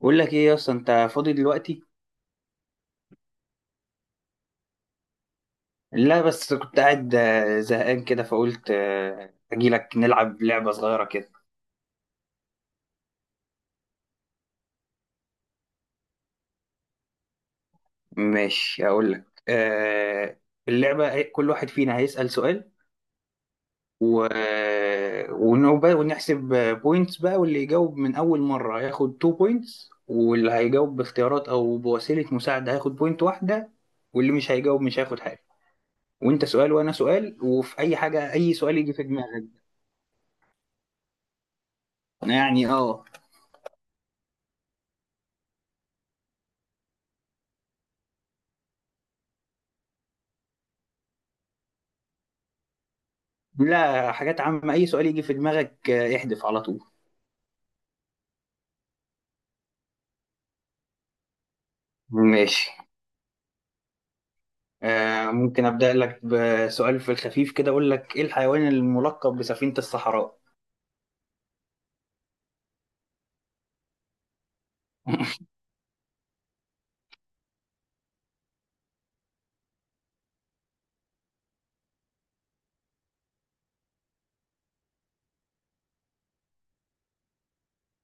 بقول لك ايه يا اسطى، انت فاضي دلوقتي؟ لا، بس كنت قاعد زهقان كده فقلت اجيلك نلعب لعبة صغيرة كده. ماشي، اقول لك اللعبة كل واحد فينا هيسأل سؤال و... ونحسب بوينتس بقى، واللي يجاوب من اول مرة هياخد 2 بوينتس، واللي هيجاوب باختيارات او بوسيلة مساعدة هياخد بوينت واحدة. واللي مش هيجاوب مش هياخد حاجة. وانت سؤال وانا سؤال، وفي اي حاجة، اي سؤال يجي في دماغك. يعني اه. لا، حاجات عامة، أي سؤال يجي في دماغك احذف على طول. ماشي. آه، ممكن أبدأ لك بسؤال في الخفيف كده، أقول لك إيه الحيوان الملقب بسفينة الصحراء؟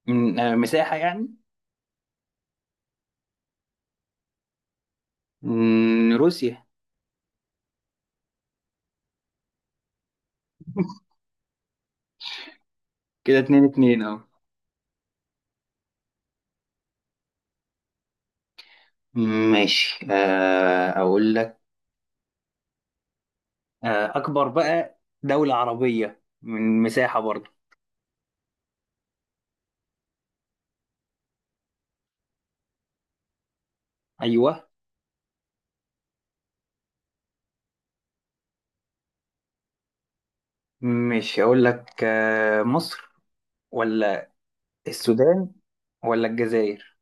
من مساحة يعني؟ من روسيا. كده اتنين اتنين أهو. ماشي، آه أقول لك أكبر بقى دولة عربية من مساحة برضه. أيوه. ماشي، أقول لك مصر ولا السودان ولا الجزائر؟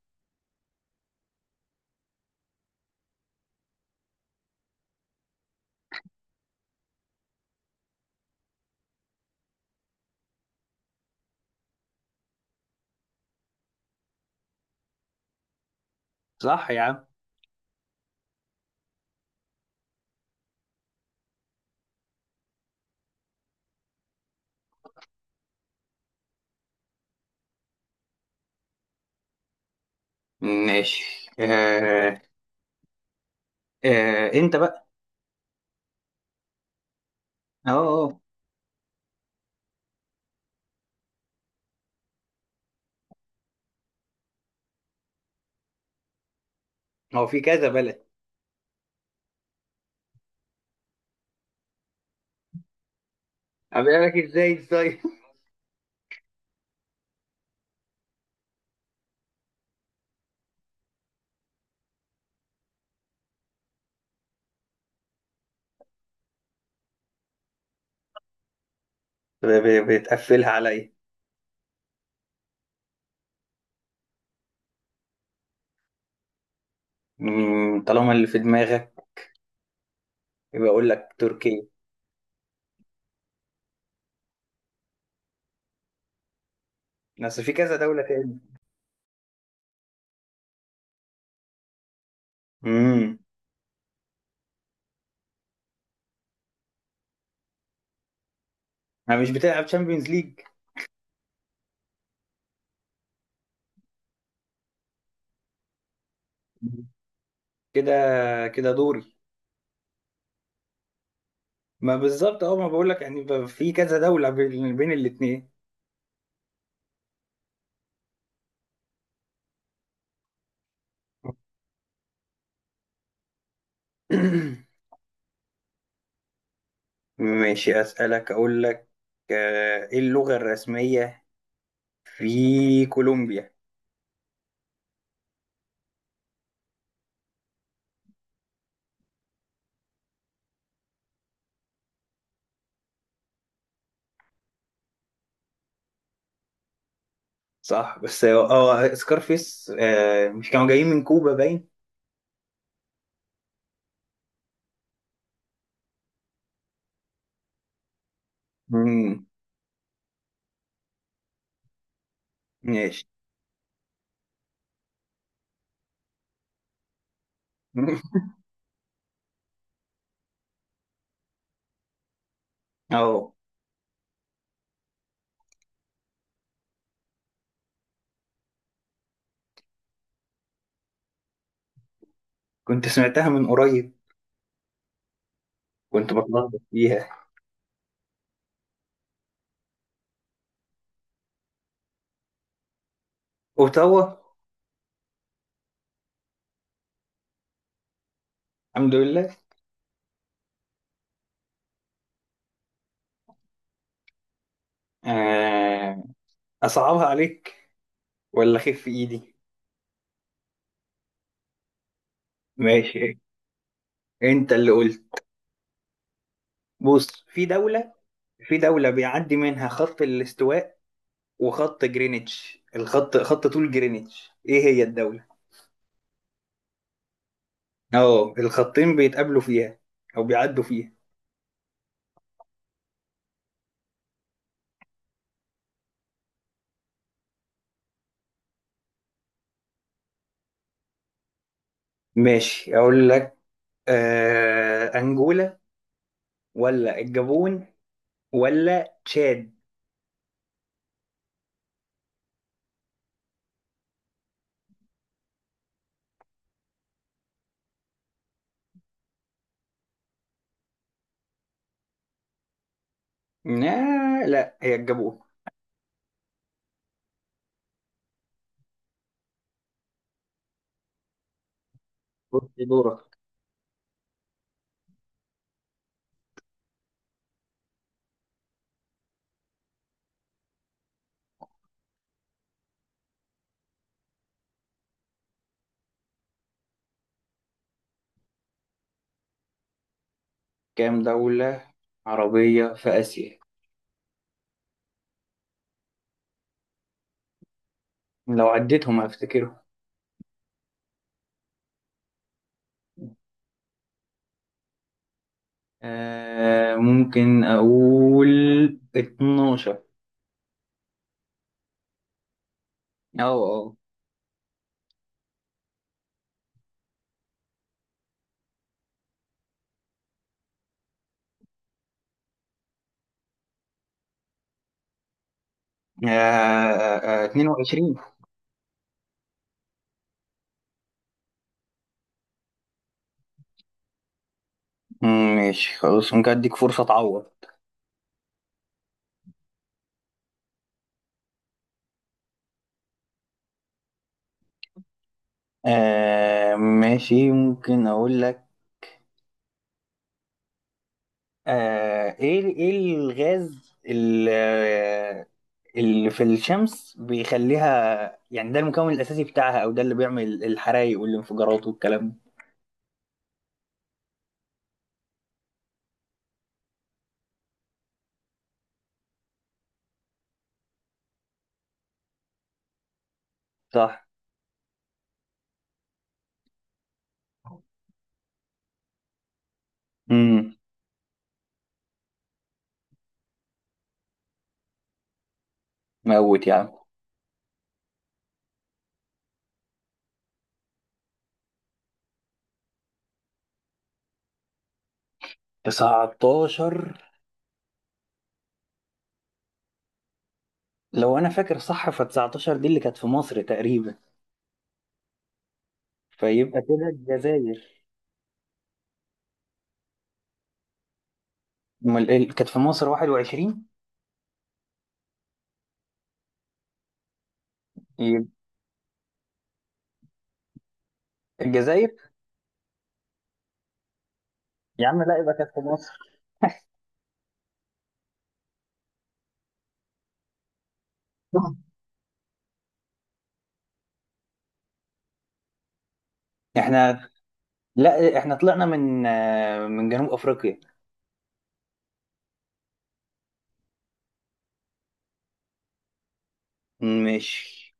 صح يا عم. ماشي. آه. آه، انت بقى. اه اه. هو في كذا بلد. أقول لك ازاي ازاي؟ بتقفلها عليا. طالما اللي في دماغك يبقى اقول لك تركيا. بس في كذا دولة تاني. امم. انا مش بتلعب تشامبيونز ليج. كده. كده دوري. ما بالظبط اه، ما بقول لك يعني، في كذا دولة بين الاتنين. ماشي، أسألك، أقول لك إيه اللغة الرسمية في كولومبيا؟ صح، بس هو سكارفيس مش كانوا جايين من كوبا باين. مم، ماشي. اه، كنت سمعتها من قريب، كنت بتلخبط فيها. اوتاوا. الحمد لله. آه، اصعبها عليك ولا خف في ايدي؟ ماشي، انت اللي قلت. بص، في دولة، في دولة بيعدي منها خط الاستواء وخط جرينتش، الخط خط طول جرينتش، ايه هي الدولة؟ اه، الخطين بيتقابلوا فيها او بيعدوا فيها. ماشي، اقول لك أنجولا ولا الجابون ولا تشاد؟ لا لا، هي الجابون. بص، دورك. كام دولة عربية في آسيا؟ لو عديتهم هفتكرهم. آه، ممكن أقول 12. أه أه. 22. ماشي خلاص، ممكن أديك فرصة تعوض. آه ماشي، ممكن أقول لك إيه الغاز اللي في الشمس بيخليها يعني، ده المكون الأساسي بتاعها، أو ده اللي بيعمل الحرايق والانفجارات والكلام ده. صح. امم. موت يا عم. 19. لو أنا فاكر صح ف 19 دي اللي كانت في مصر تقريبا. فيبقى كده الجزائر. أمال إيه اللي كانت في مصر، 21؟ يبقى الجزائر. يا عم لا، يبقى كانت في مصر. احنا، لا احنا طلعنا من من جنوب افريقيا. ماشي.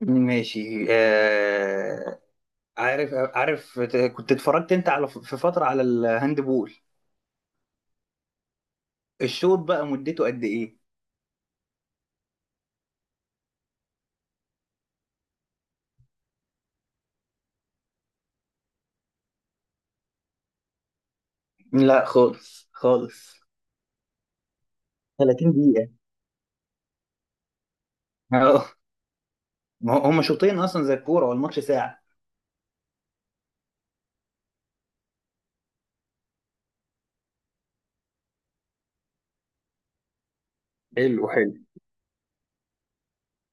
ماشي، آه، عارف عارف، كنت اتفرجت انت على، في فترة، على الهاند بول. الشوط بقى مدته قد ايه؟ لا خالص خالص. 30 دقيقة. اه، ما هما شوطين اصلا زي الكورة والماتش ساعة. حلو حلو.